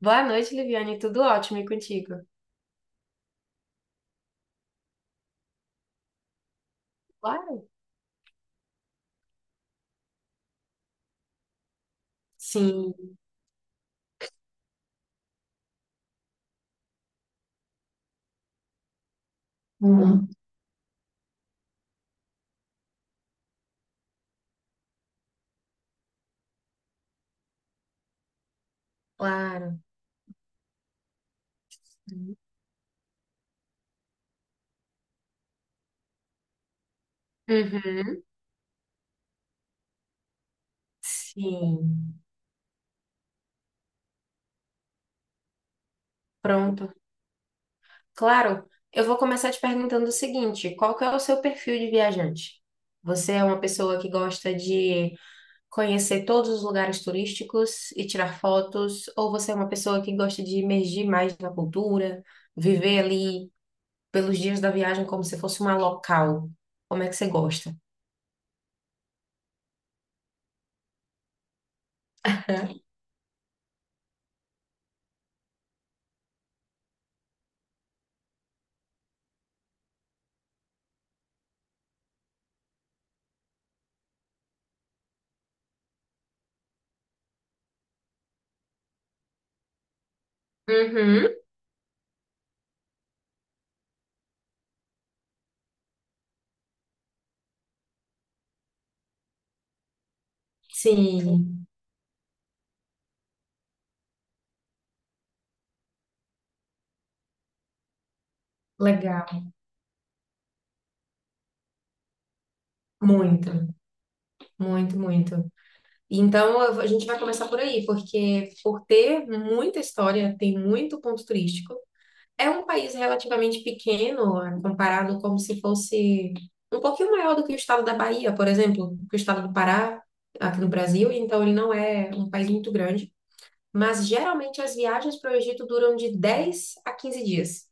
Boa noite, Liviane. Tudo ótimo e contigo? Claro. Sim. Uhum. Claro. Uhum, sim. Pronto. Claro, eu vou começar te perguntando o seguinte: qual que é o seu perfil de viajante? Você é uma pessoa que gosta de conhecer todos os lugares turísticos e tirar fotos, ou você é uma pessoa que gosta de imergir mais na cultura, viver ali pelos dias da viagem como se fosse uma local? Como é que você gosta? Sim, legal. Muito, muito, muito. Então, a gente vai começar por aí, porque por ter muita história, tem muito ponto turístico. É um país relativamente pequeno, comparado como se fosse um pouquinho maior do que o estado da Bahia, por exemplo, que o estado do Pará, aqui no Brasil. Então, ele não é um país muito grande. Mas, geralmente, as viagens para o Egito duram de 10 a 15 dias,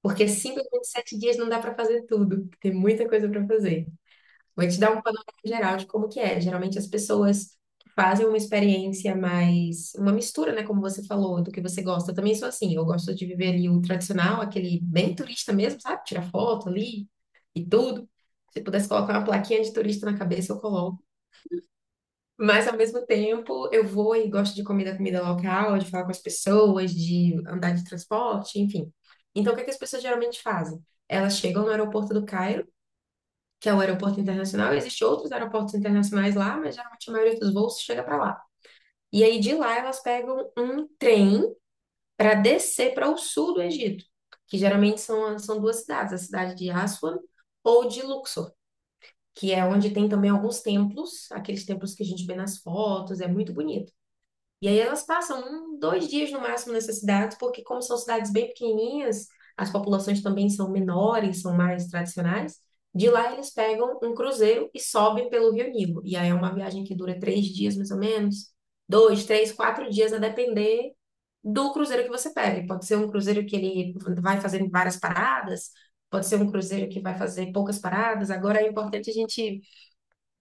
porque simplesmente sete dias não dá para fazer tudo, tem muita coisa para fazer. Vou te dar um panorama geral de como que é. Geralmente as pessoas fazem uma experiência mais, uma mistura, né, como você falou, do que você gosta. Eu também sou assim, eu gosto de viver ali o tradicional, aquele bem turista mesmo, sabe? Tirar foto ali e tudo. Se pudesse colocar uma plaquinha de turista na cabeça, eu coloco. Mas ao mesmo tempo, eu vou e gosto de comida, comida local, de falar com as pessoas, de andar de transporte, enfim. Então, o que é que as pessoas geralmente fazem? Elas chegam no aeroporto do Cairo, que é o aeroporto internacional. Existem outros aeroportos internacionais lá, mas geralmente a maioria dos voos chega para lá. E aí de lá elas pegam um trem para descer para o sul do Egito, que geralmente são duas cidades, a cidade de Aswan ou de Luxor, que é onde tem também alguns templos, aqueles templos que a gente vê nas fotos, é muito bonito. E aí elas passam um, dois dias no máximo nessas cidades, porque como são cidades bem pequenininhas, as populações também são menores, são mais tradicionais. De lá eles pegam um cruzeiro e sobem pelo Rio Nilo. E aí é uma viagem que dura três dias mais ou menos, dois, três, quatro dias a depender do cruzeiro que você pega. Pode ser um cruzeiro que ele vai fazer várias paradas, pode ser um cruzeiro que vai fazer poucas paradas. Agora é importante a gente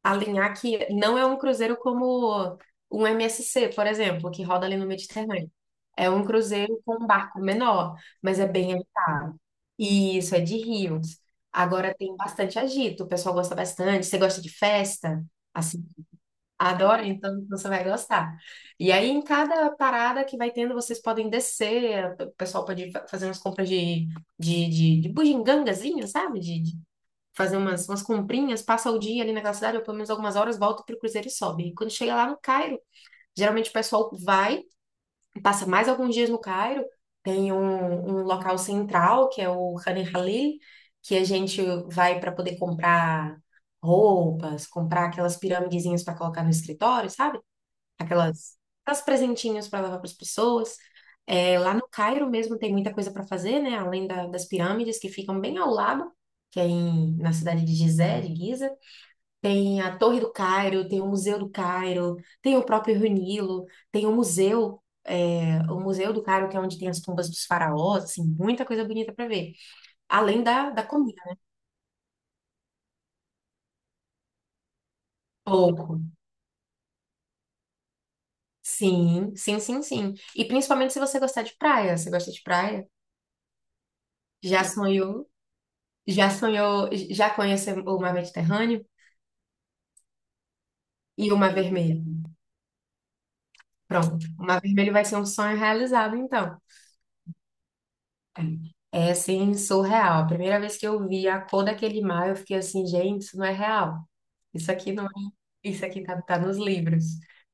alinhar que não é um cruzeiro como um MSC, por exemplo, que roda ali no Mediterrâneo. É um cruzeiro com um barco menor, mas é bem agitado. E isso é de rios. Agora tem bastante agito, o pessoal gosta bastante. Você gosta de festa? Assim, adora, então você vai gostar. E aí, em cada parada que vai tendo, vocês podem descer, o pessoal pode fazer umas compras de bugigangazinho, sabe? De fazer umas, umas comprinhas, passa o dia ali naquela cidade, ou pelo menos algumas horas, volta pro cruzeiro e sobe. E quando chega lá no Cairo, geralmente o pessoal vai, passa mais alguns dias no Cairo, tem um local central, que é o Khan el Halil, que a gente vai para poder comprar roupas, comprar aquelas pirâmidezinhas para colocar no escritório, sabe? Aquelas, aquelas presentinhos para levar para as pessoas. É, lá no Cairo mesmo tem muita coisa para fazer, né? Além das pirâmides que ficam bem ao lado, que é na cidade de Gizé, de Giza. Tem a Torre do Cairo, tem o Museu do Cairo, tem o próprio Rio Nilo, tem o o Museu do Cairo, que é onde tem as tumbas dos faraós, assim, muita coisa bonita para ver. Além da, da comida. Pouco. Sim, sim, sim, sim. E principalmente se você gostar de praia. Você gosta de praia? Já sonhou? Já sonhou, já conheceu o mar Mediterrâneo e o mar Vermelho? Pronto, o mar Vermelho vai ser um sonho realizado, então. É assim, surreal. A primeira vez que eu vi a cor daquele mar, eu fiquei assim, gente, isso não é real. Isso aqui não é, isso aqui tá, tá nos livros.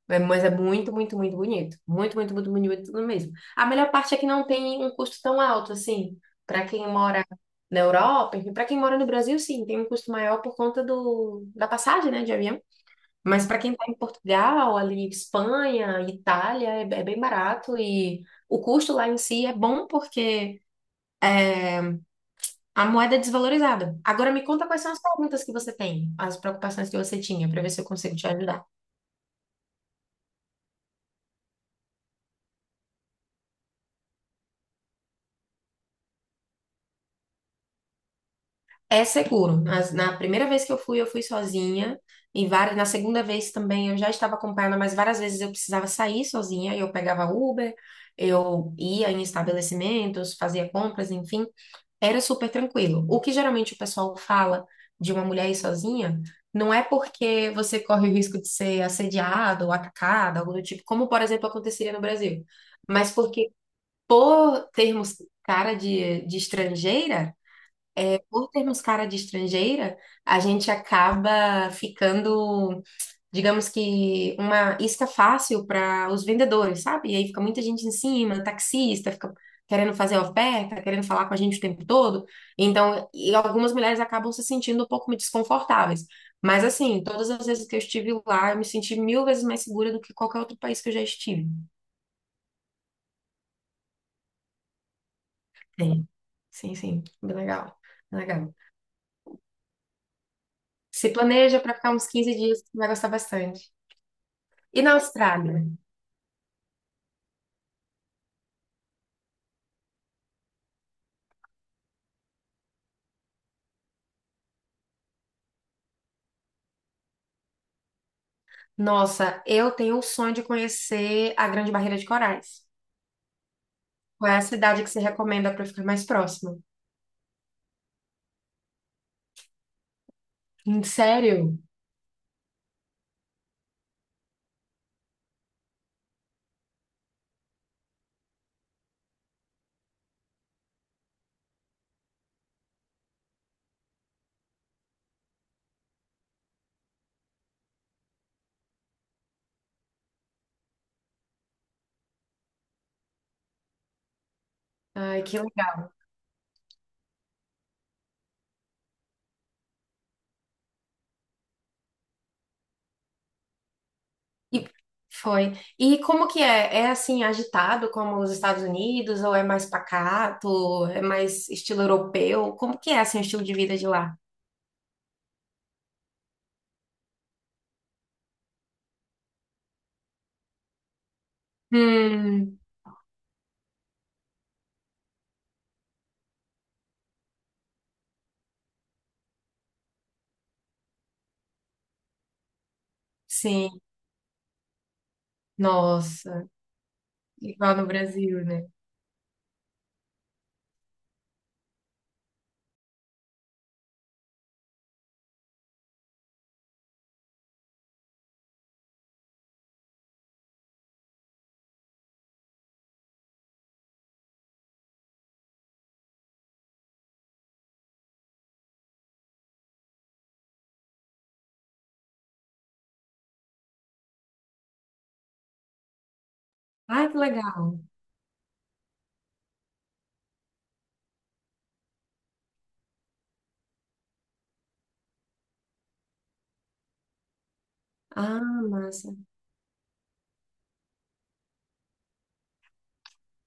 É, mas é muito, muito, muito bonito. Muito, muito, muito bonito mesmo. A melhor parte é que não tem um custo tão alto assim. Para quem mora na Europa, enfim, para quem mora no Brasil, sim, tem um custo maior por conta do, da passagem, né, de avião. Mas para quem está em Portugal, ali, Espanha, Itália, é bem barato e o custo lá em si é bom porque a moeda é desvalorizada. Agora me conta quais são as perguntas que você tem, as preocupações que você tinha, para ver se eu consigo te ajudar. É seguro. Na primeira vez que eu fui sozinha. E várias, na segunda vez também eu já estava acompanhada, mas várias vezes eu precisava sair sozinha, e eu pegava Uber, eu ia em estabelecimentos, fazia compras, enfim. Era super tranquilo. O que geralmente o pessoal fala de uma mulher ir sozinha não é porque você corre o risco de ser assediado ou atacada, algo do tipo, como, por exemplo, aconteceria no Brasil, mas porque por termos cara de estrangeira, por termos cara de estrangeira, a gente acaba ficando digamos que uma isca fácil para os vendedores, sabe? E aí fica muita gente em cima, taxista, fica querendo fazer oferta, querendo falar com a gente o tempo todo. Então, e algumas mulheres acabam se sentindo um pouco desconfortáveis. Mas assim, todas as vezes que eu estive lá, eu me senti mil vezes mais segura do que qualquer outro país que eu já estive. Sim, sim, sim. Bem legal, bem legal. Se planeja para ficar uns 15 dias, você vai gostar bastante. E na Austrália? Nossa, eu tenho o sonho de conhecer a Grande Barreira de Corais. Qual é a cidade que você recomenda para ficar mais próximo? Sério? Ai, que legal. E foi. E como que é? É assim agitado como os Estados Unidos ou é mais pacato? É mais estilo europeu? Como que é assim o estilo de vida de lá? Hum, sim. Nossa, igual no Brasil, né? Ai, que legal. Ah, massa.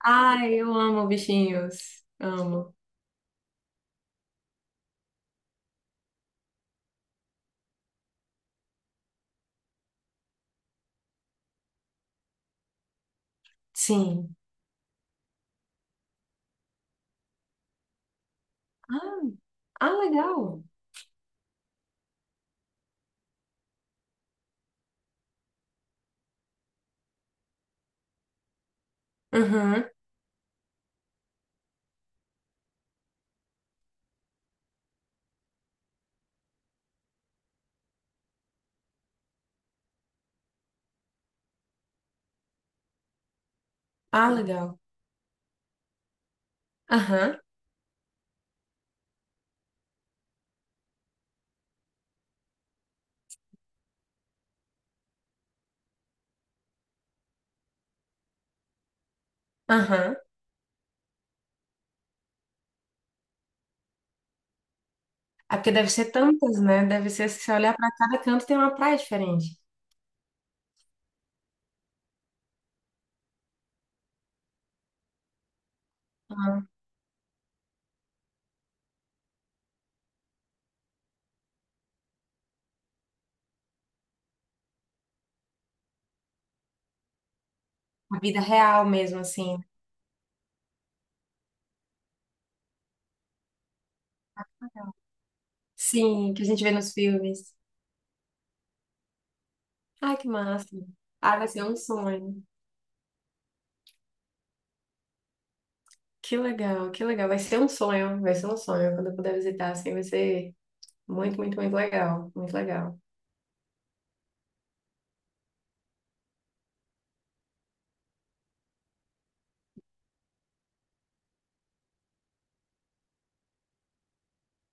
Ai, eu amo bichinhos. Amo. Sim. Ah, ah, legal. Uhum. Ah, legal. Aham. Aham. É porque deve ser tantas, né? Deve ser, se você olhar pra cada canto, tem uma praia diferente. Ah, a vida real mesmo, assim. Sim, que a gente vê nos filmes. Ai, que massa. Ah, vai ser um sonho. Que legal, que legal. Vai ser um sonho, vai ser um sonho quando eu puder visitar, assim, vai ser muito, muito, muito legal. Muito legal.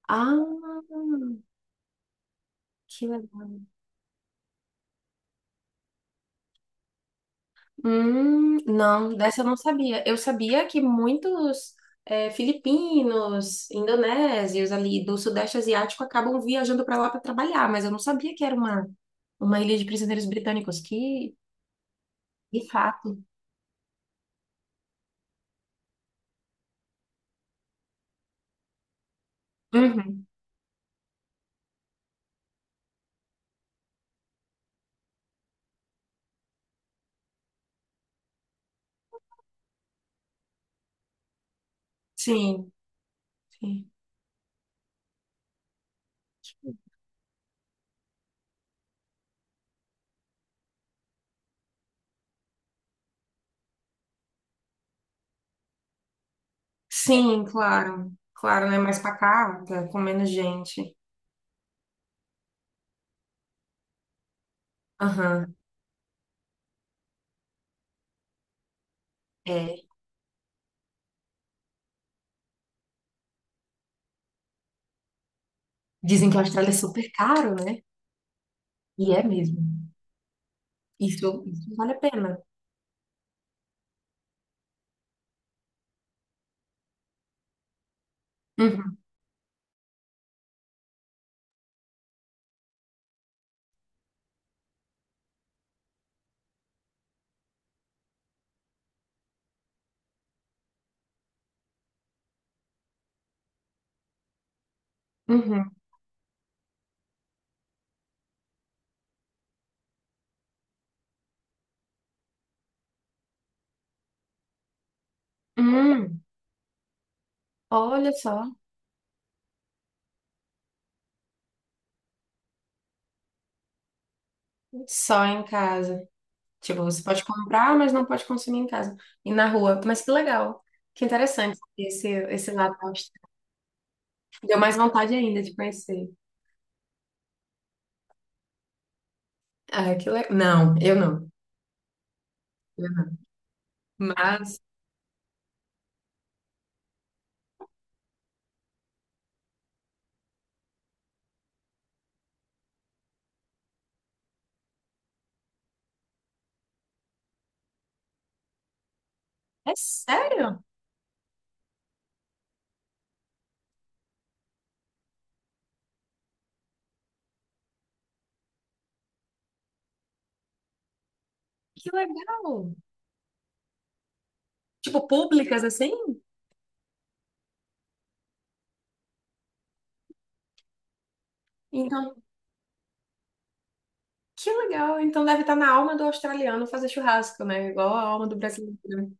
Ah, que legal. Não, dessa eu não sabia. Eu sabia que muitos filipinos, indonésios ali do Sudeste Asiático acabam viajando para lá para trabalhar, mas eu não sabia que era uma ilha de prisioneiros britânicos. Que, de fato. Uhum, sim, sim. Sim, claro. Claro, né? Mais pacata, com menos gente. Aham, é. Dizem que a Austrália é super caro, né? E é mesmo. Isso vale a pena. Uhum, uhum. Hum, olha só. Só em casa. Tipo, você pode comprar, mas não pode consumir em casa. E na rua. Mas que legal. Que interessante esse, esse lado da Áustria. Deu mais vontade ainda de conhecer. Ah, que legal. Não, eu não. Mas, é sério? Que legal. Tipo, públicas assim? Então, que legal. Então deve estar na alma do australiano fazer churrasco, né? Igual a alma do brasileiro.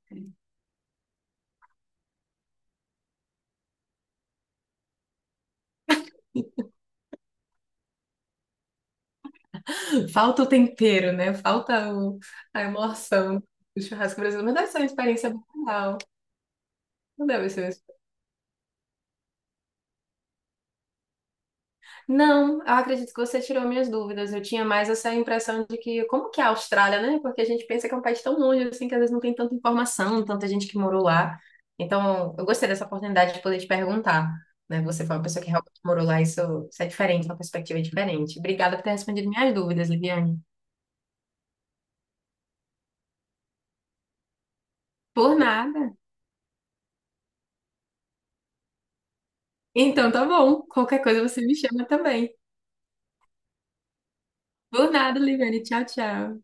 Falta o tempero, né? A emoção do churrasco brasileiro. Mas deve ser uma experiência bem legal. Não deve ser uma. Não, eu acredito que você tirou minhas dúvidas. Eu tinha mais essa impressão de que, como que é a Austrália, né? Porque a gente pensa que é um país tão longe, assim, que às vezes não tem tanta informação, tanta gente que morou lá. Então, eu gostei dessa oportunidade de poder te perguntar, né? Você foi uma pessoa que realmente morou lá, isso é diferente, uma perspectiva diferente. Obrigada por ter respondido minhas dúvidas, Liviane. Por nada. Então, tá bom. Qualquer coisa você me chama também. Por nada, Liviane. Tchau, tchau.